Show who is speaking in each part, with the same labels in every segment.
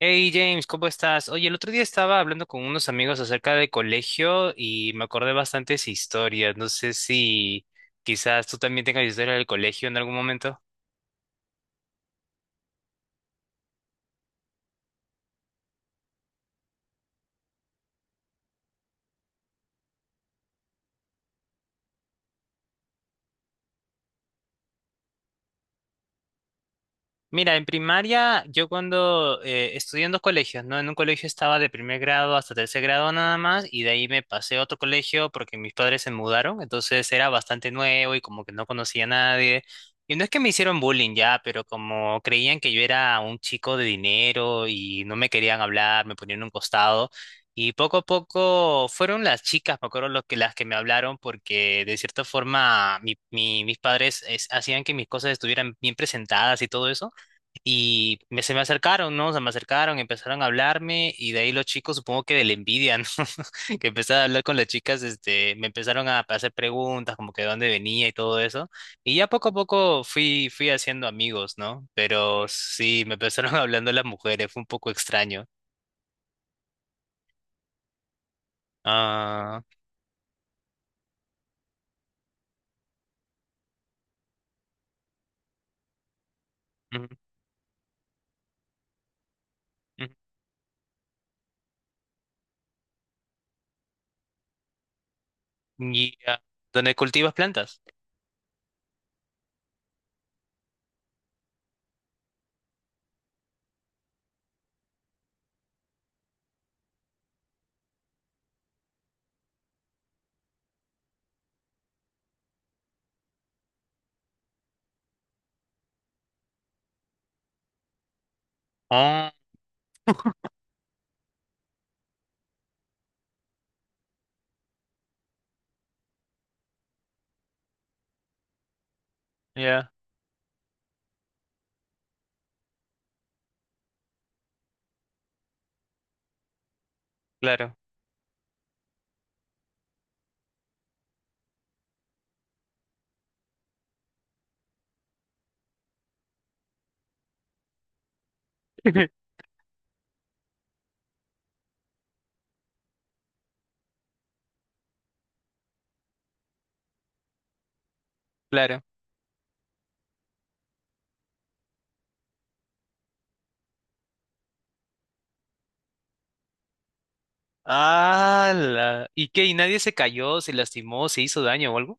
Speaker 1: Hey James, ¿cómo estás? Oye, el otro día estaba hablando con unos amigos acerca del colegio y me acordé bastantes historias. No sé si quizás tú también tengas historia del colegio en algún momento. Mira, en primaria, yo cuando estudié en dos colegios, ¿no? En un colegio estaba de primer grado hasta tercer grado nada más, y de ahí me pasé a otro colegio porque mis padres se mudaron, entonces era bastante nuevo y como que no conocía a nadie. Y no es que me hicieron bullying ya, pero como creían que yo era un chico de dinero y no me querían hablar, me ponían a un costado. Y poco a poco fueron las chicas, me acuerdo, las que me hablaron porque de cierta forma mis padres hacían que mis cosas estuvieran bien presentadas y todo eso. Y se me acercaron, ¿no? Se me acercaron, empezaron a hablarme y de ahí los chicos, supongo que de la envidia, ¿no? Que empezaron a hablar con las chicas, este, me empezaron a hacer preguntas como que de dónde venía y todo eso. Y ya poco a poco fui haciendo amigos, ¿no? Pero sí, me empezaron hablando las mujeres, fue un poco extraño. Ah, ujú, ujú. Y, ah, ¿dónde cultivas plantas? Ah, ya, claro. Claro. Ah, ¿y qué? ¿Y nadie se cayó, se lastimó, se hizo daño o algo?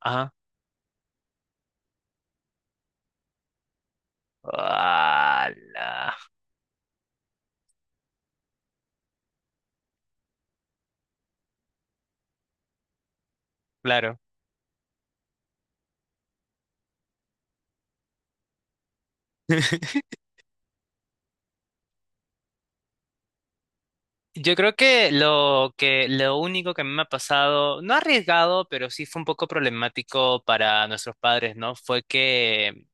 Speaker 1: Ah. Ala. Claro. Yo creo que lo único que a mí me ha pasado, no arriesgado, pero sí fue un poco problemático para nuestros padres, ¿no? Fue que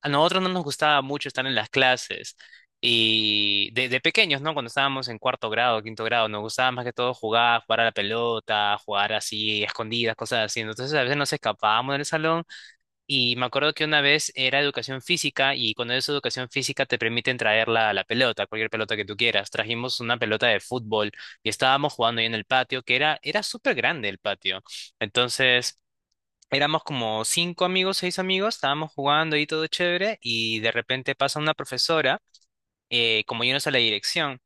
Speaker 1: a nosotros no nos gustaba mucho estar en las clases y de pequeños, ¿no? Cuando estábamos en cuarto grado, quinto grado, nos gustaba más que todo jugar, jugar a la pelota, jugar así, escondidas, cosas así. Entonces a veces nos escapábamos del salón. Y me acuerdo que una vez era educación física y cuando es educación física te permiten traer la pelota, cualquier pelota que tú quieras. Trajimos una pelota de fútbol y estábamos jugando ahí en el patio, que era súper grande el patio. Entonces éramos como cinco amigos, seis amigos, estábamos jugando ahí todo chévere y de repente pasa una profesora, como yéndose a la dirección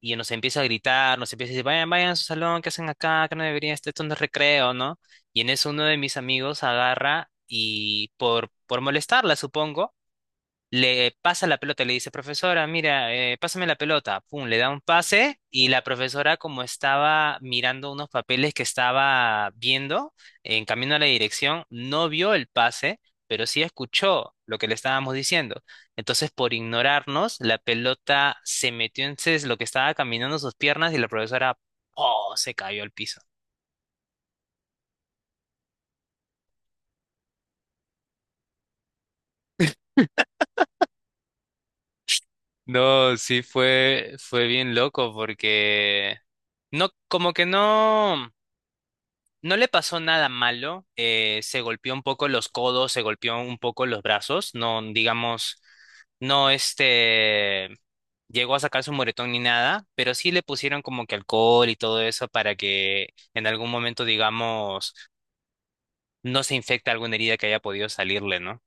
Speaker 1: y nos empieza a gritar, nos empieza a decir, vayan, vayan a su salón, ¿qué hacen acá? Que no deberían estar, esto no es recreo, ¿no? Y en eso uno de mis amigos agarra y por molestarla, supongo, le pasa la pelota, le dice, profesora, mira, pásame la pelota. Pum, le da un pase y la profesora, como estaba mirando unos papeles que estaba viendo en camino a la dirección, no vio el pase, pero sí escuchó lo que le estábamos diciendo. Entonces, por ignorarnos, la pelota se metió en lo que estaba caminando en sus piernas y la profesora, oh, se cayó al piso. No, sí fue, fue bien loco porque no, como que no. No le pasó nada malo, se golpeó un poco los codos, se golpeó un poco los brazos, no, digamos, no, este, llegó a sacar su moretón ni nada, pero sí le pusieron como que alcohol y todo eso para que en algún momento, digamos, no se infecte alguna herida que haya podido salirle, ¿no?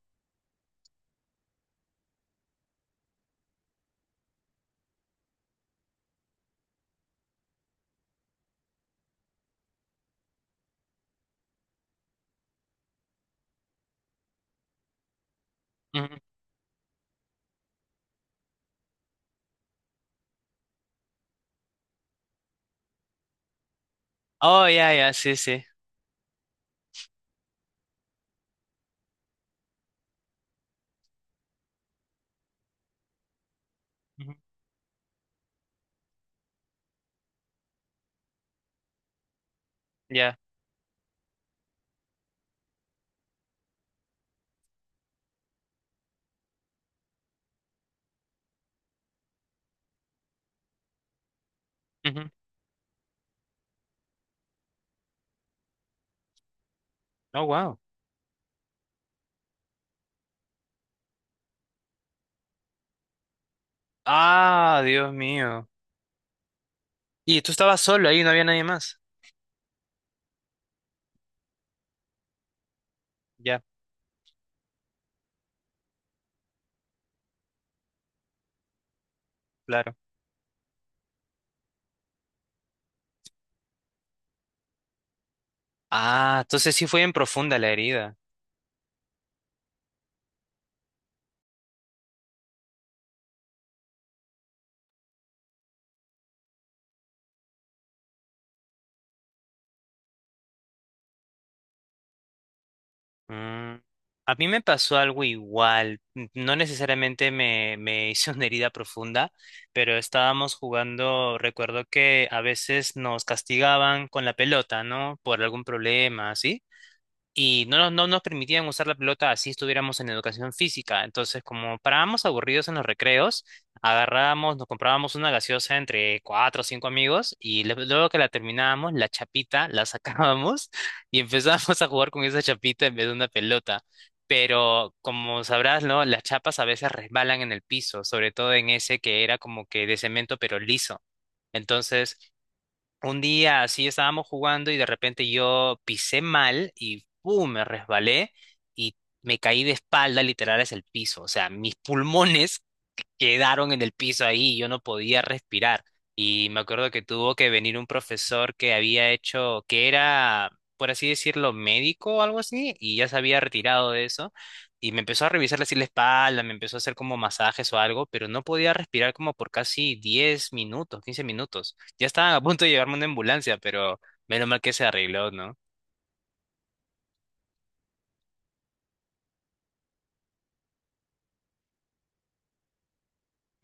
Speaker 1: Ujú. Oh, ya, ya, sí, sí. Ujú, ya. Ujú. Oh, wow. Ah, Dios mío. Y tú estabas solo ahí, no había nadie más. Ya, claro. Ah, entonces sí fue en profunda la herida. Mm, a mí me pasó algo igual, no necesariamente me hice una herida profunda, pero estábamos jugando, recuerdo que a veces nos castigaban con la pelota, ¿no? Por algún problema, así y no, no nos permitían usar la pelota así estuviéramos en educación física. Entonces, como parábamos aburridos en los recreos, agarrábamos, nos comprábamos una gaseosa entre cuatro o cinco amigos y luego que la terminábamos, la chapita la sacábamos y empezábamos a jugar con esa chapita en vez de una pelota. Pero como sabrás, ¿no? Las chapas a veces resbalan en el piso, sobre todo en ese que era como que de cemento pero liso. Entonces, un día así estábamos jugando y de repente yo pisé mal y ¡pum! Me resbalé y me caí de espalda literal hacia el piso. O sea, mis pulmones quedaron en el piso ahí y yo no podía respirar. Y me acuerdo que tuvo que venir un profesor que había hecho, que era, por así decirlo, médico o algo así, y ya se había retirado de eso. Y me empezó a revisar así la espalda, me empezó a hacer como masajes o algo, pero no podía respirar como por casi 10 minutos, 15 minutos. Ya estaban a punto de llevarme una ambulancia, pero menos mal que se arregló, ¿no?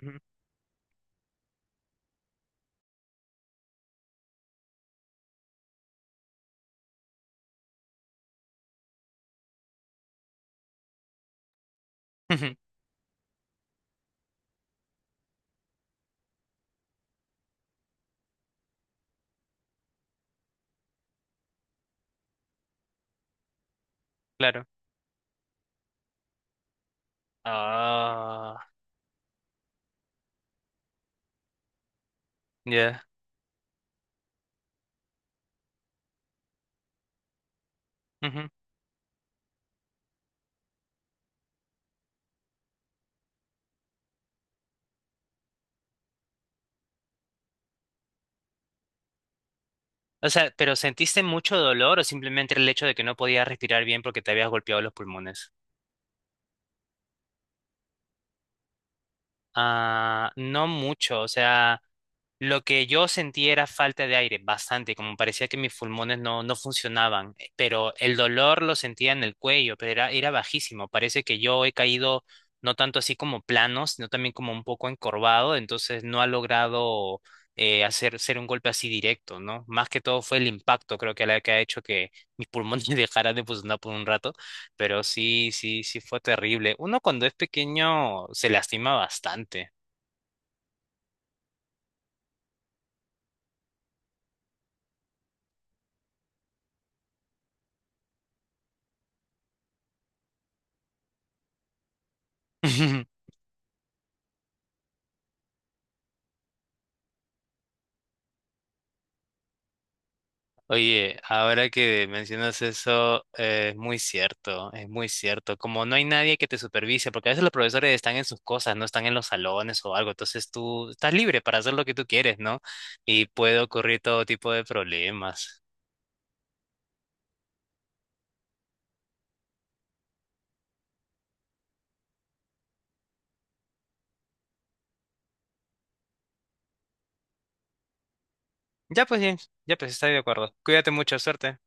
Speaker 1: Ujú. Claro. Ah, ya. O sea, ¿pero sentiste mucho dolor o simplemente el hecho de que no podías respirar bien porque te habías golpeado los pulmones? Ah, no mucho, o sea, lo que yo sentí era falta de aire, bastante, como parecía que mis pulmones no funcionaban, pero el dolor lo sentía en el cuello, pero era bajísimo, parece que yo he caído no tanto así como plano, sino también como un poco encorvado, entonces no ha logrado hacer ser un golpe así directo, ¿no? Más que todo fue el impacto, creo que la que ha hecho que mis pulmones dejaran de funcionar por un rato. Pero sí, sí, sí fue terrible. Uno cuando es pequeño se lastima bastante. Oye, ahora que mencionas eso, es muy cierto, es muy cierto. Como no hay nadie que te supervise, porque a veces los profesores están en sus cosas, no están en los salones o algo, entonces tú estás libre para hacer lo que tú quieres, ¿no? Y puede ocurrir todo tipo de problemas. Ya pues, James, ya pues, estoy de acuerdo. Cuídate mucho, suerte.